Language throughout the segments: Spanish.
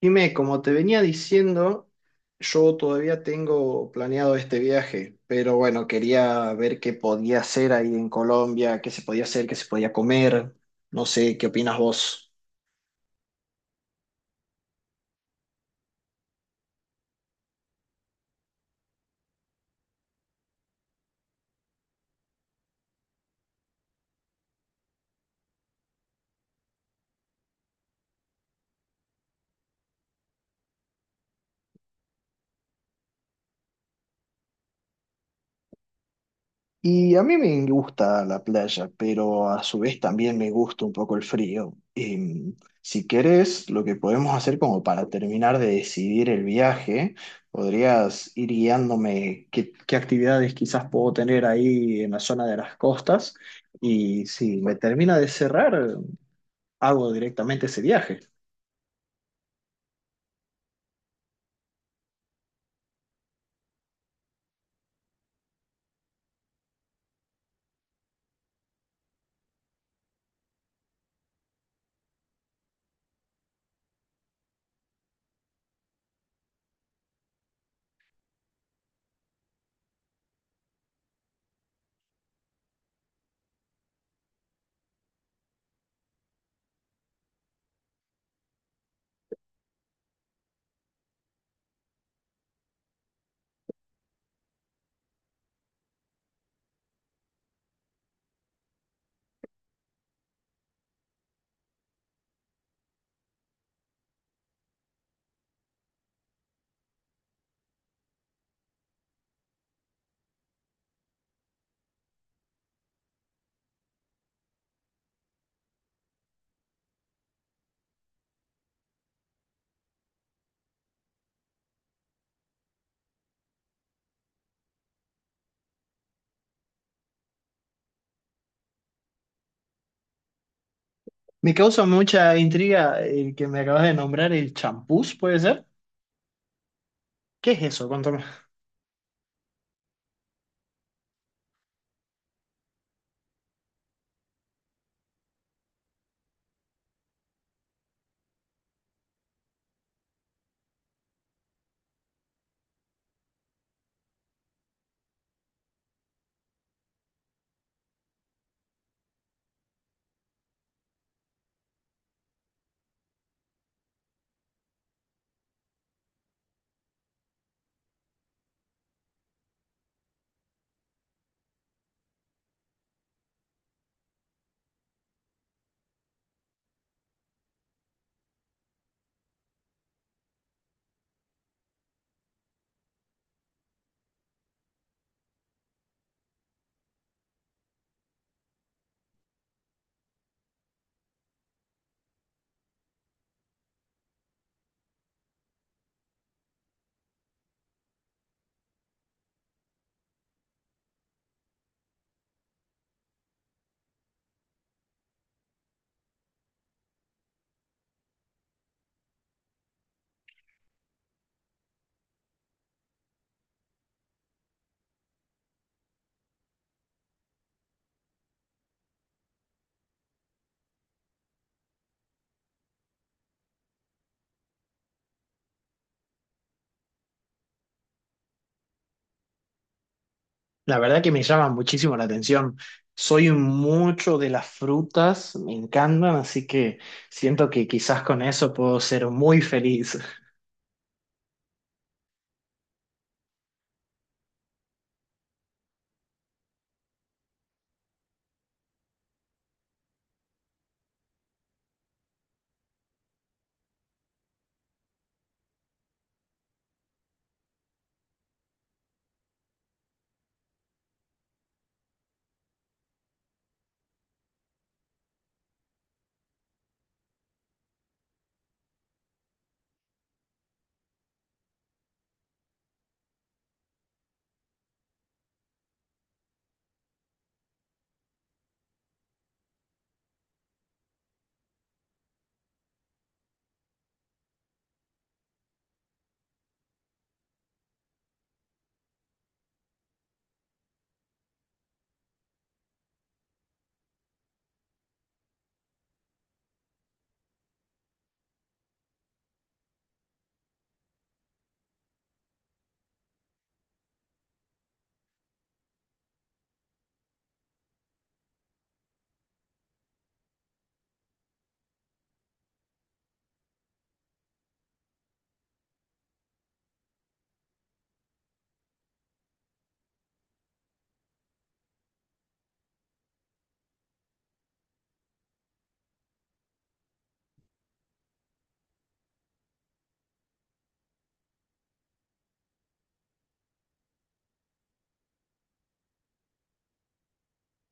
Jimé, como te venía diciendo, yo todavía tengo planeado este viaje, pero bueno, quería ver qué podía hacer ahí en Colombia, qué se podía hacer, qué se podía comer. No sé, ¿qué opinas vos? Y a mí me gusta la playa, pero a su vez también me gusta un poco el frío. Si querés, lo que podemos hacer como para terminar de decidir el viaje, podrías ir guiándome qué actividades quizás puedo tener ahí en la zona de las costas. Y si me termina de cerrar, hago directamente ese viaje. Me causa mucha intriga el que me acabas de nombrar, el champús, ¿puede ser? ¿Qué es eso? Cuéntame. La verdad que me llama muchísimo la atención. Soy mucho de las frutas, me encantan, así que siento que quizás con eso puedo ser muy feliz.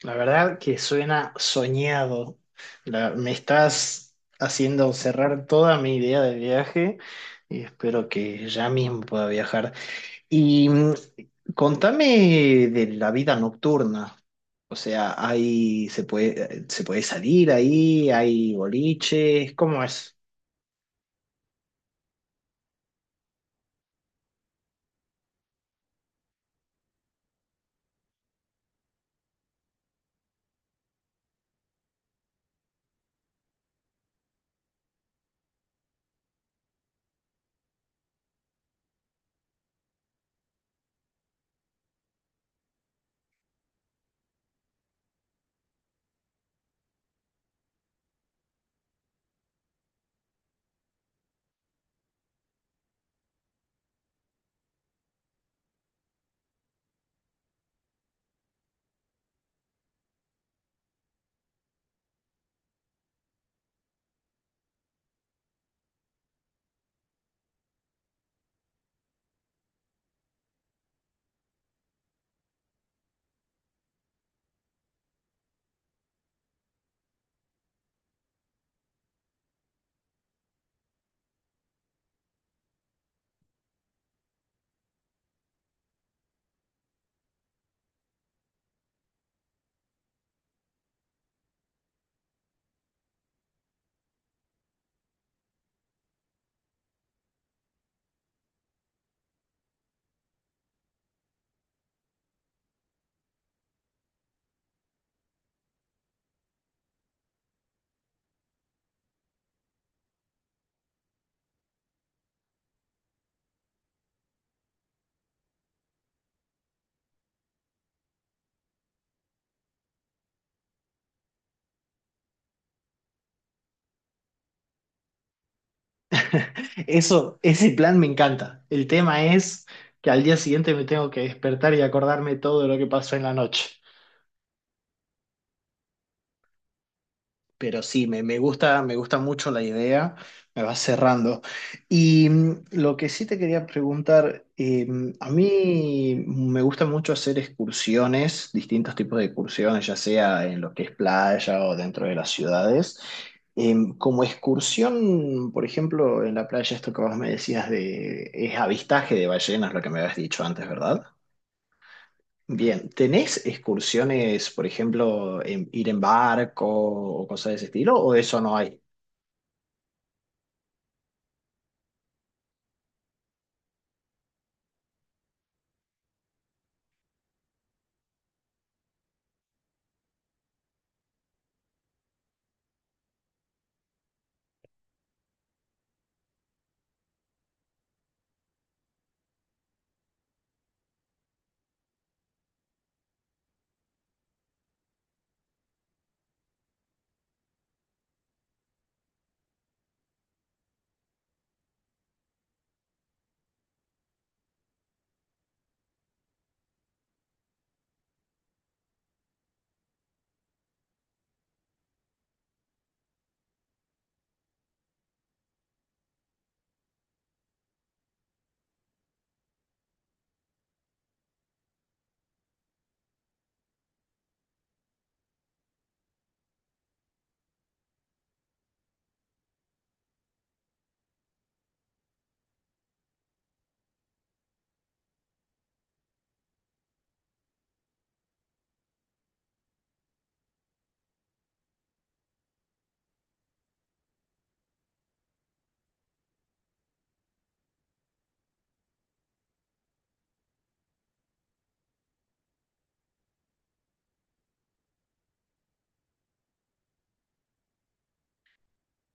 La verdad que suena soñado. La- me estás haciendo cerrar toda mi idea de viaje y espero que ya mismo pueda viajar. Y mm, contame de la vida nocturna. O sea, ahí se puede salir ahí, hay boliches, ¿cómo es? Eso, ese plan me encanta. El tema es que al día siguiente me tengo que despertar y acordarme todo lo que pasó en la noche. Pero sí, me gusta mucho la idea, me va cerrando. Y mm, lo que sí te quería preguntar, a mí me gusta mucho hacer excursiones, distintos tipos de excursiones, ya sea en lo que es playa o dentro de las ciudades. Como excursión, por ejemplo, en la playa, esto que vos me decías de, es avistaje de ballenas, lo que me habías dicho antes, ¿verdad? Bien, ¿tenés excursiones, por ejemplo, en- ir en barco o cosas de ese estilo, o eso no hay?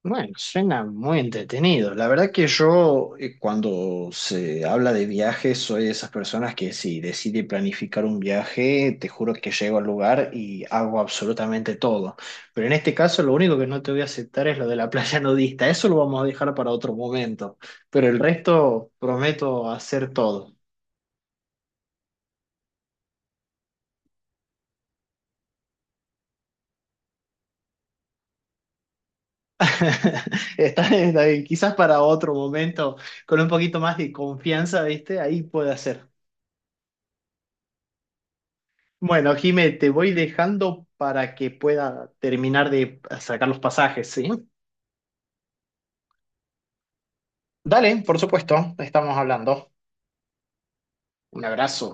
Bueno, suena muy entretenido. La verdad que yo, cuando se habla de viajes, soy de esas personas que si decide planificar un viaje, te juro que llego al lugar y hago absolutamente todo. Pero en este caso, lo único que no te voy a aceptar es lo de la playa nudista. Eso lo vamos a dejar para otro momento. Pero el resto, prometo hacer todo. Está bien, está bien. Quizás para otro momento, con un poquito más de confianza, ¿viste? Ahí puede hacer. Bueno, Jime, te voy dejando para que pueda terminar de sacar los pasajes, ¿sí? Dale, por supuesto, estamos hablando. Un abrazo.